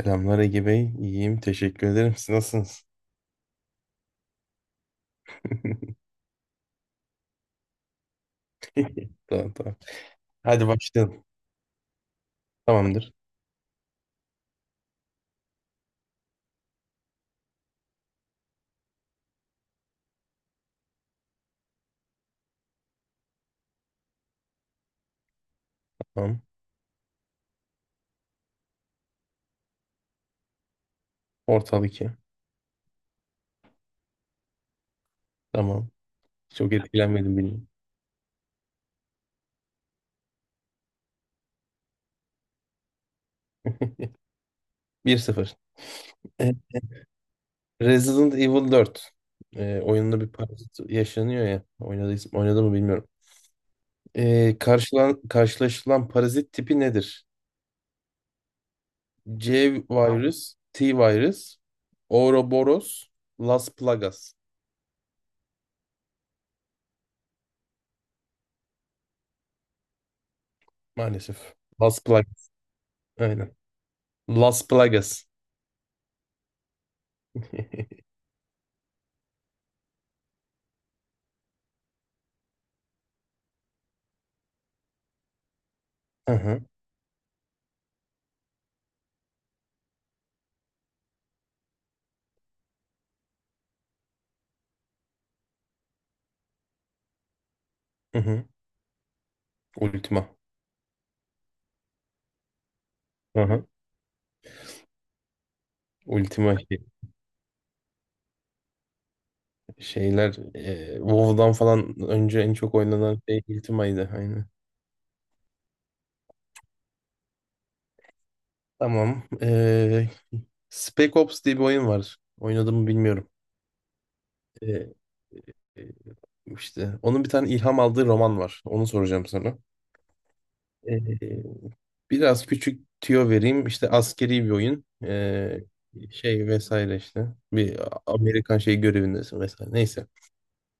Selamlar Ege Bey. İyiyim. Teşekkür ederim. Siz nasılsınız? Tamam tamam. Hadi başlayalım. Tamamdır. Tamam. Ortal 2. Tamam. Çok etkilenmedim bilmiyorum. 1-0. E, Resident Evil 4 oyununda bir parazit yaşanıyor ya. Oynadı mı bilmiyorum. Karşılaşılan parazit tipi nedir? C virus, T virus, Ouroboros, Las Plagas. Maalesef. Las Plagas. Aynen. Las Plagas. Aha, aha. Ultima. Aha. Ultima şeyler WoW'dan falan önce en çok oynanan şey Ultima'ydı aynı. Tamam. Spec Ops diye bir oyun var. Oynadım mı bilmiyorum. E, e, işte onun bir tane ilham aldığı roman var. Onu soracağım sana. E, biraz küçük tüyo vereyim. İşte askeri bir oyun. Şey vesaire işte. Bir Amerikan şey görevindesin vesaire. Neyse.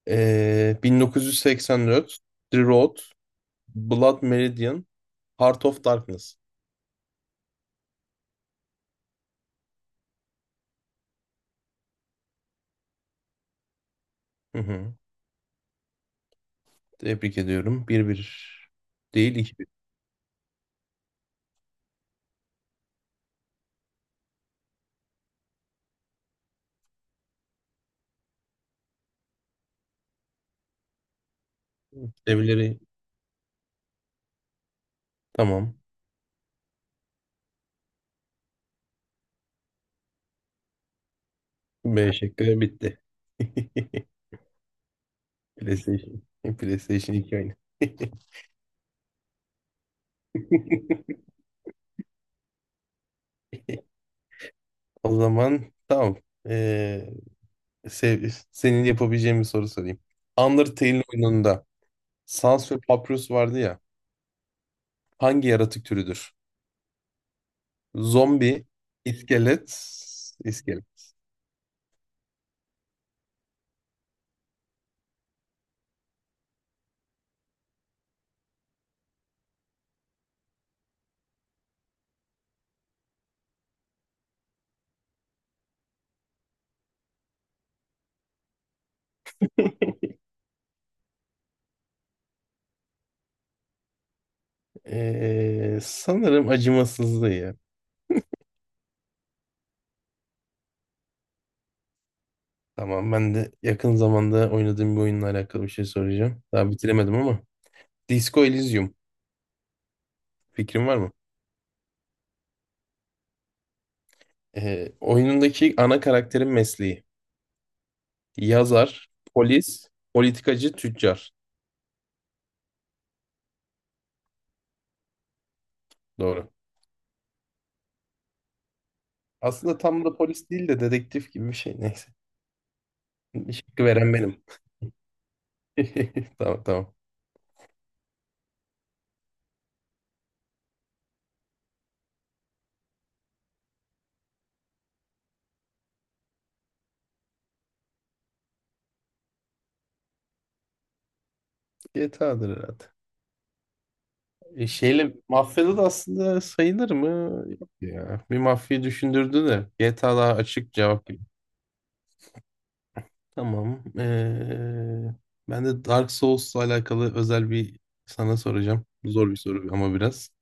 1984, The Road, Blood Meridian, Heart of Darkness. Hı hı. Tebrik ediyorum. Bir bir değil 2-1. Evleri tamam. B şıkkı bitti. PlayStation. PlayStation 2 oyunu. O zaman tamam. Ee, senin yapabileceğin bir soru sorayım. Undertale oyununda Sans ve Papyrus vardı ya. Hangi yaratık türüdür? Zombi, iskelet, iskelet. Sanırım acımasızlığı ya. Tamam ben de yakın zamanda oynadığım bir oyunla alakalı bir şey soracağım. Daha bitiremedim ama. Disco Elysium. Fikrin var mı? Oyunundaki ana karakterin mesleği. Yazar, polis, politikacı, tüccar. Doğru. Aslında tam da polis değil de dedektif gibi bir şey. Neyse. Şıkkı veren benim. Tamam tamam. GTA'dır herhalde. Şeyle mafyada da aslında sayılır mı? Yok ya. Bir mafyayı düşündürdü de GTA daha açık cevap. Tamam. Ben de Dark Souls'la alakalı özel bir sana soracağım. Zor bir soru ama biraz.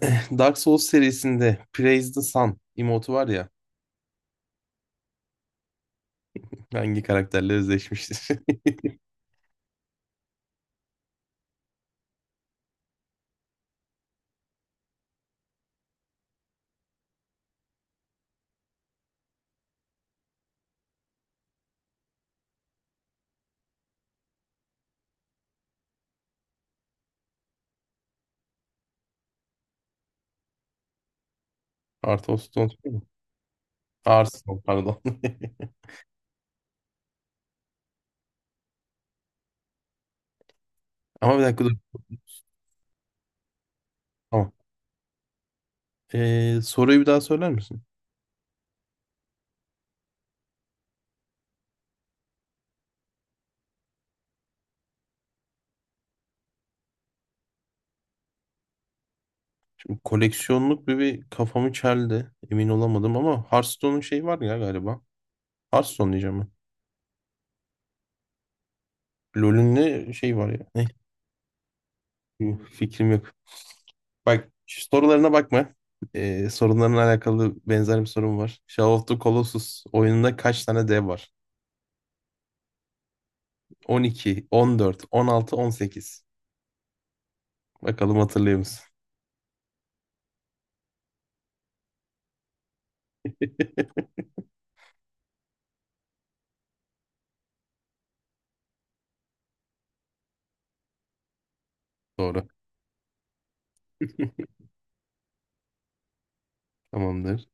Dark Souls serisinde Praise the Sun emotu var ya. Hangi karakterle özdeşmiştir? Art of Stone mu? Art Stone pardon. Ama bir dakika dur. Tamam. Soruyu bir daha söyler misin? Koleksiyonluk bir kafamı çeldi. Emin olamadım ama Hearthstone'un şeyi var ya galiba. Hearthstone diyeceğim ben. LoL'ün ne şey var ya? Ne? Fikrim yok. Bak şu sorularına bakma. Sorunlarla alakalı benzer bir sorum var. Shadow of the Colossus oyununda kaç tane dev var? On 12, 14, 16, 18. Bakalım hatırlıyor musun? Doğru. Tamamdır.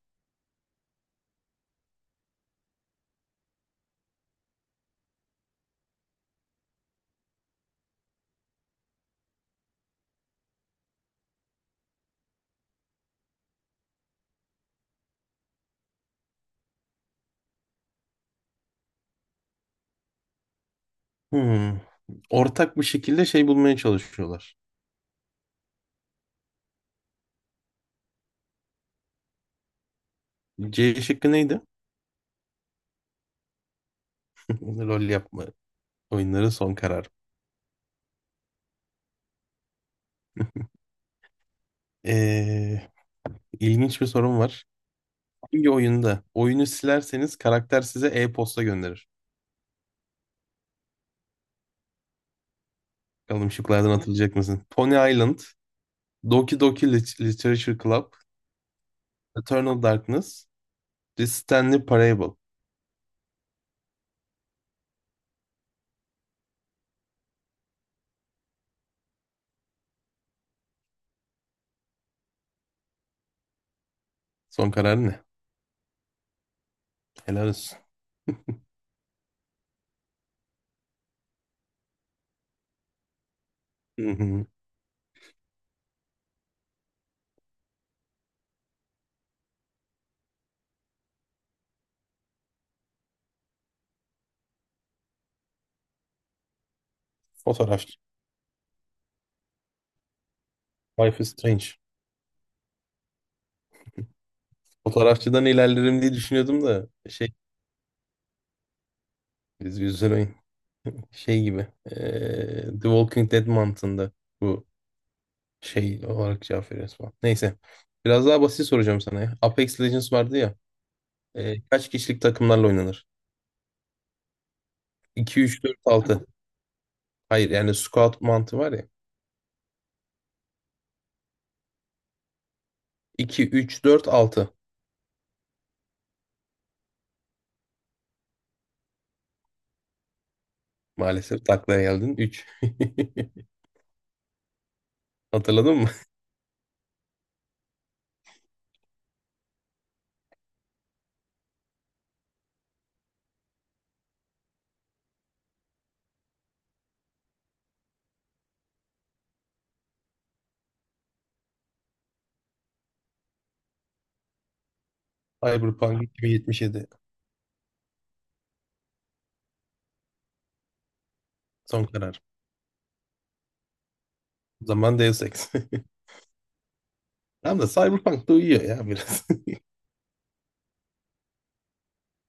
Hmm. Ortak bir şekilde şey bulmaya çalışıyorlar. C şıkkı neydi? Rol yapma. Oyunların son karar. Ee, ilginç bir sorum var. Hangi oyunda oyunu silerseniz karakter size e-posta gönderir? Bakalım şıklardan hatırlayacak mısın? Pony Island, Doki Doki Literature Club, Eternal Darkness, The Stanley Parable. Son kararı ne? Helal olsun. Hı hı. Fotoğrafçı. Life is Strange. Fotoğrafçıdan ilerlerim diye düşünüyordum da şey biz güzel oyun. Şey gibi. The Walking Dead mantığında bu şey olarak cevap veriyoruz falan. Neyse. Biraz daha basit soracağım sana ya. Apex Legends vardı ya. Kaç kişilik takımlarla oynanır? 2, 3, 4, 6. Hayır yani squad mantığı var ya. 2, 3, 4, 6. Maalesef taklaya geldin. Üç. Hatırladın mı? Cyberpunk 2077. Son karar. O zaman Deus Ex. Tamam da Cyberpunk da uyuyor ya biraz.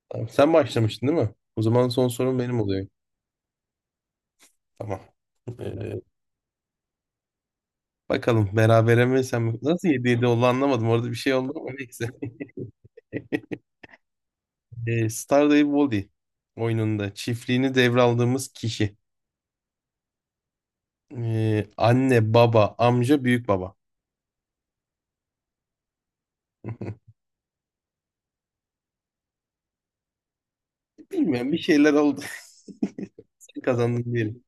Tamam, sen başlamıştın değil mi? O zaman son sorum benim oluyor. Tamam. Ee, bakalım berabere mi sen mi? Nasıl 7-7 oldu anlamadım. Orada bir şey oldu ama neyse. Stardew Valley oyununda çiftliğini devraldığımız kişi. Anne, baba, amca, büyük baba. Bilmiyorum bir şeyler oldu. Sen kazandın diyelim.